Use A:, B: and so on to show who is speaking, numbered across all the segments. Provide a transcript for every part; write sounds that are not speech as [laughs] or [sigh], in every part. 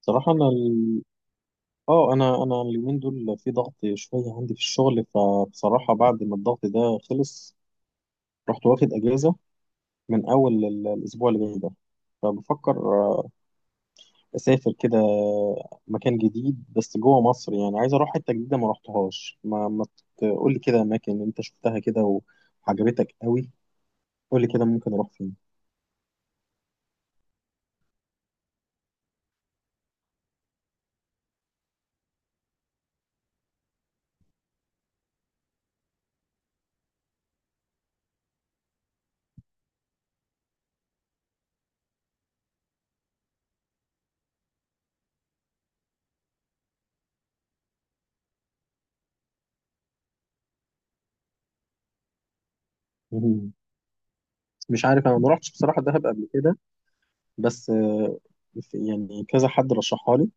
A: صراحة أنا أنا اليومين دول في ضغط شوية عندي في الشغل، فبصراحة بعد ما الضغط ده خلص رحت واخد أجازة من أول الأسبوع اللي جاي ده. فبفكر أسافر كده مكان جديد، بس جوه مصر. يعني عايز أروح حتة جديدة ما رحتهاش. ما, ما تقول لي كده أماكن أنت شفتها كده وعجبتك قوي، قول لي كده ممكن أروح فين. مم. مش عارف، أنا ما رحتش بصراحة دهب قبل كده، بس يعني كذا حد رشحها لي.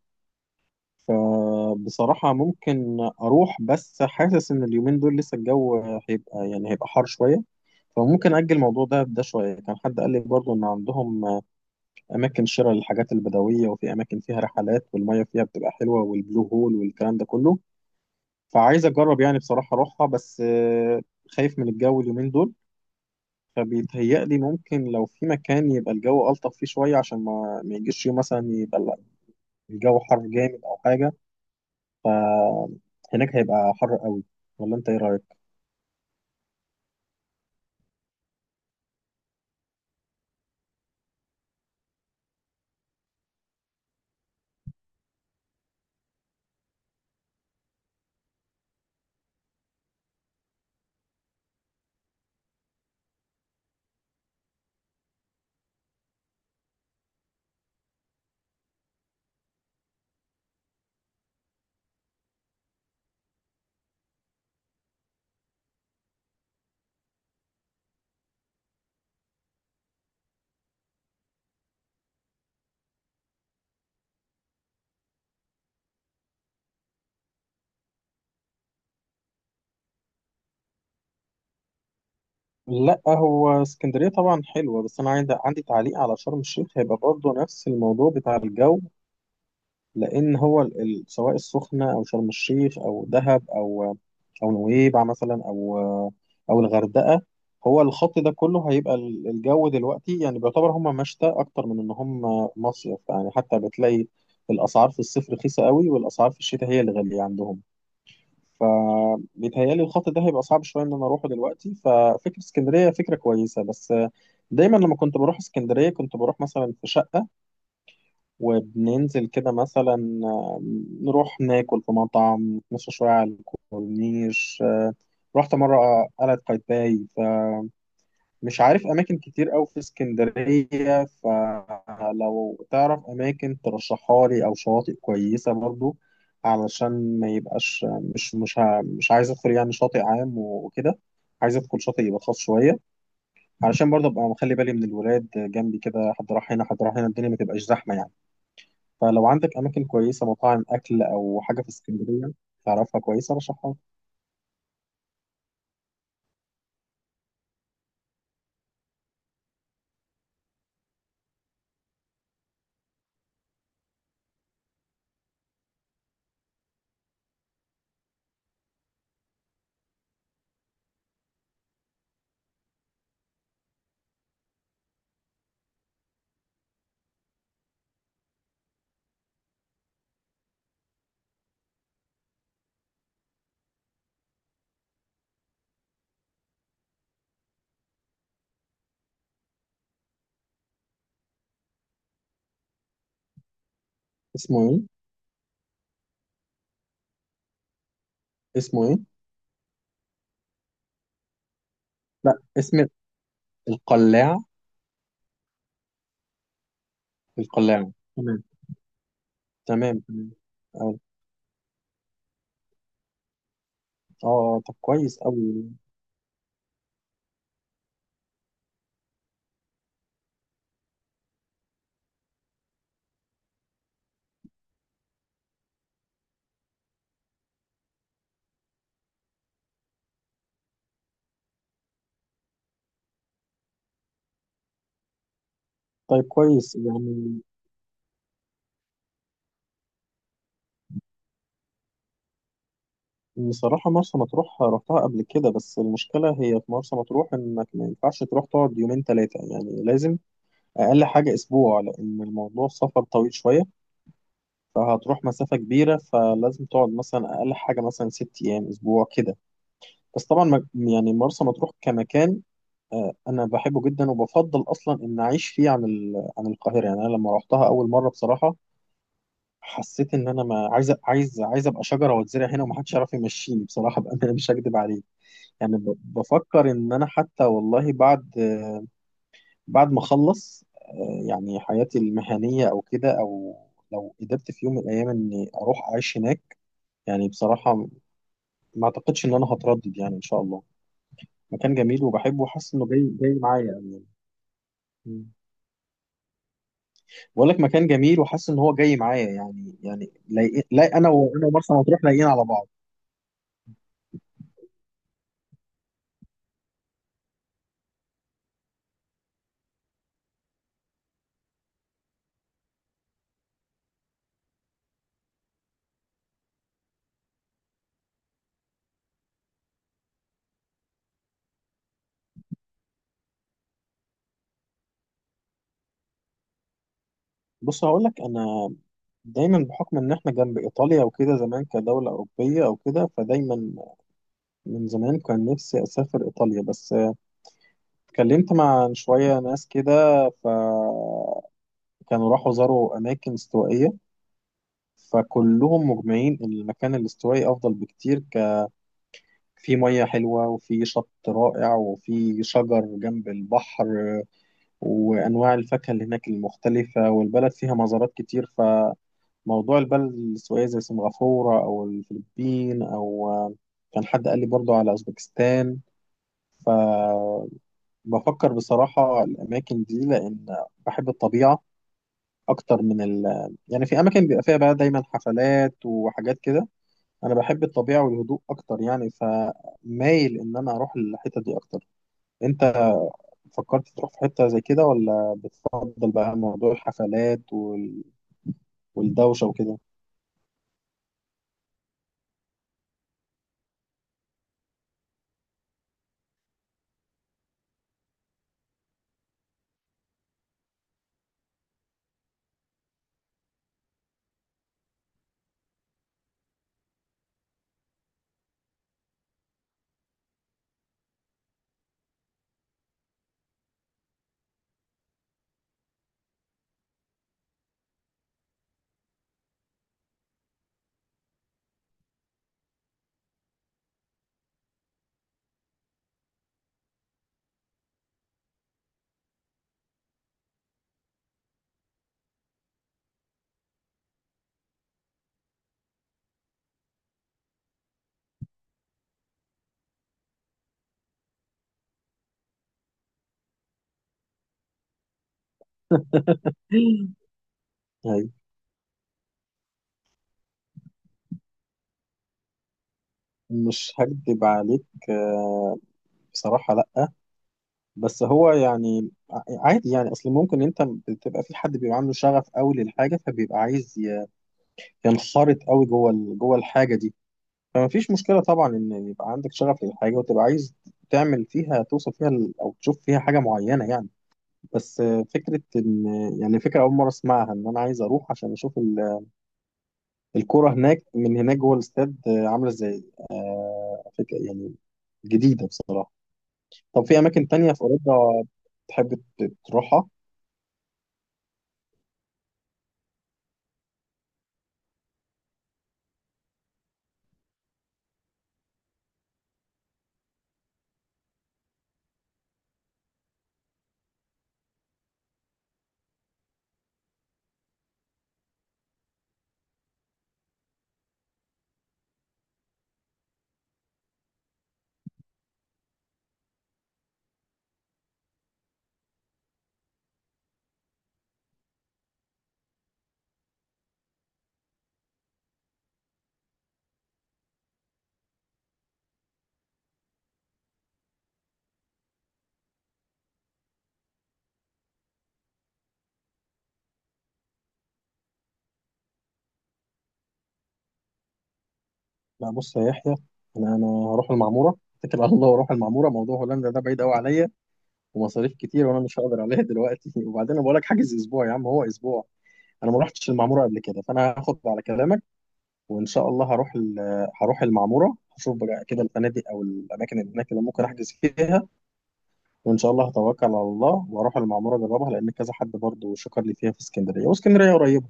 A: فبصراحة ممكن أروح، بس حاسس إن اليومين دول لسه الجو هيبقى يعني هيبقى حار شوية، فممكن أجل الموضوع ده شوية. كان حد قال لي برضه إن عندهم أماكن شراء للحاجات البدوية، وفي أماكن فيها رحلات، والمية فيها بتبقى حلوة، والبلو هول والكلام ده كله. فعايز أجرب يعني بصراحة أروحها، بس خايف من الجو اليومين دول. فبيتهيألي ممكن لو في مكان يبقى الجو ألطف فيه شوية، عشان ما يجيش يوم مثلا يبقى الجو حر جامد أو حاجة. فهناك هيبقى حر قوي، ولا انت ايه رايك؟ لا، هو اسكندريه طبعا حلوه، بس انا عندي تعليق على شرم الشيخ. هيبقى برضه نفس الموضوع بتاع الجو، لان هو سواء السخنه او شرم الشيخ او دهب او او نويبع مثلا او او الغردقه، هو الخط ده كله هيبقى الجو دلوقتي يعني بيعتبر هم مشتى اكتر من ان هم مصيف. يعني حتى بتلاقي الاسعار في الصيف رخيصه قوي، والاسعار في الشتاء هي اللي غاليه عندهم. فبيتهيألي الخط ده هيبقى صعب شوية إن أنا أروحه دلوقتي. ففكرة اسكندرية فكرة كويسة، بس دايما لما كنت بروح اسكندرية كنت بروح مثلا في شقة، وبننزل كده مثلا، آه، نروح ناكل في مطعم، نتمشى شوية على الكورنيش. رحت مرة قلعة قايتباي. مش عارف اماكن كتير قوي في اسكندريه، فلو تعرف اماكن ترشحها لي او شواطئ كويسه برضو، علشان ما يبقاش... مش عايز ادخل يعني شاطئ عام وكده، عايز ادخل شاطئ يبقى خاص شويه، علشان برضو ابقى مخلي بالي من الولاد جنبي كده، حد راح هنا حد راح هنا، الدنيا ما تبقاش زحمه يعني. فلو عندك اماكن كويسه، مطاعم اكل او حاجه في اسكندريه تعرفها كويسه، رشحها لي. اسمه ايه؟ اسمه ايه؟ لا، اسم القلاع؟ القلاع، تمام تمام. اه. طب كويس أوي. طيب كويس يعني. بصراحة مرسى مطروح رحتها قبل كده، بس المشكلة هي في مرسى مطروح إنك ما ينفعش تروح تقعد يومين تلاتة، يعني لازم أقل حاجة أسبوع، لأن الموضوع السفر طويل شوية، فهتروح مسافة كبيرة، فلازم تقعد مثلا أقل حاجة مثلا ست أيام أسبوع كده. بس طبعا يعني مرسى مطروح كمكان، أنا بحبه جدا، وبفضل أصلا إن أعيش فيه عن عن القاهرة. يعني أنا لما رحتها أول مرة بصراحة حسيت ان انا ما عايز عايز ابقى شجره واتزرع هنا ومحدش يعرف يمشيني بصراحه بقى [laughs] انا مش هكدب عليك. يعني بفكر ان انا حتى والله بعد بعد ما اخلص يعني حياتي المهنيه او كده، او لو قدرت في يوم من الايام اني اروح اعيش هناك، يعني بصراحه ما اعتقدش ان انا هتردد يعني ان شاء الله. مكان جميل وبحبه، وحاسس انه جاي معايا أوي يعني. مم. بقول لك مكان جميل، وحاسس ان هو جاي معايا يعني. يعني لا، انا وانا ومرسى مطروح لايقين على بعض. بص هقول لك، انا دايما بحكم ان احنا جنب ايطاليا وكده زمان كدوله اوروبيه او كده، فدايما من زمان كان نفسي اسافر ايطاليا. بس اتكلمت مع شويه ناس كده، فكانوا راحوا زاروا اماكن استوائيه، فكلهم مجمعين ان المكان الاستوائي افضل بكتير، ك... في ميه حلوه، وفي شط رائع، وفي شجر جنب البحر، وانواع الفاكهه اللي هناك المختلفه، والبلد فيها مزارات كتير. موضوع البلد السيوية زي سنغافورة أو الفلبين، أو كان حد قال لي برضو على أوزبكستان. فبفكر بصراحة الأماكن دي، لأن بحب الطبيعة أكتر من ال... يعني في أماكن بيبقى فيها بقى دايما حفلات وحاجات كده، أنا بحب الطبيعة والهدوء أكتر يعني، فمايل إن أنا أروح الحتة دي أكتر. أنت فكرت تروح في حتة زي كده، ولا بتفضل بقى موضوع الحفلات والدوشة وكده؟ [laughs] مش هكدب عليك، آه، بصراحة لأ. بس هو يعني عادي يعني، أصل ممكن أنت بتبقى في حد بيبقى عنده شغف قوي للحاجة، فبيبقى عايز ينخرط قوي جوه جوه الحاجة دي. فما فيش مشكلة طبعا إن يبقى عندك شغف للحاجة، وتبقى عايز تعمل فيها، توصل فيها أو تشوف فيها حاجة معينة يعني. بس فكرة إن يعني، فكرة أول مرة أسمعها إن أنا عايز أروح عشان أشوف الكورة هناك من هناك جوه الاستاد عاملة إزاي، فكرة يعني جديدة بصراحة. طب في اماكن تانية في اوروبا تحب تروحها؟ لا، بص يا يحيى، انا هروح المعموره، اتكل على الله واروح المعموره. موضوع هولندا ده بعيد قوي عليا، ومصاريف كتير، وانا مش هقدر عليها دلوقتي. [laughs] وبعدين انا بقول لك حاجز اسبوع يا عم، هو اسبوع. انا ما رحتش المعموره قبل كده، فانا هاخد على كلامك، وان شاء الله هروح هروح المعموره، هشوف بقى كده الفنادق او الاماكن اللي هناك اللي ممكن احجز فيها، وان شاء الله هتوكل على الله واروح المعموره اجربها، لان كذا حد برضه شكر لي فيها في اسكندريه، واسكندريه قريبه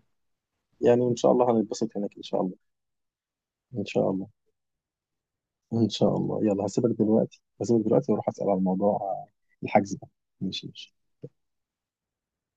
A: يعني. وان شاء الله هنتبسط هناك ان شاء الله. ان شاء الله. ان شاء الله، يلا هسيبك دلوقتي، هسيبك دلوقتي واروح اسال على الموضوع الحجز ده. ماشي ماشي.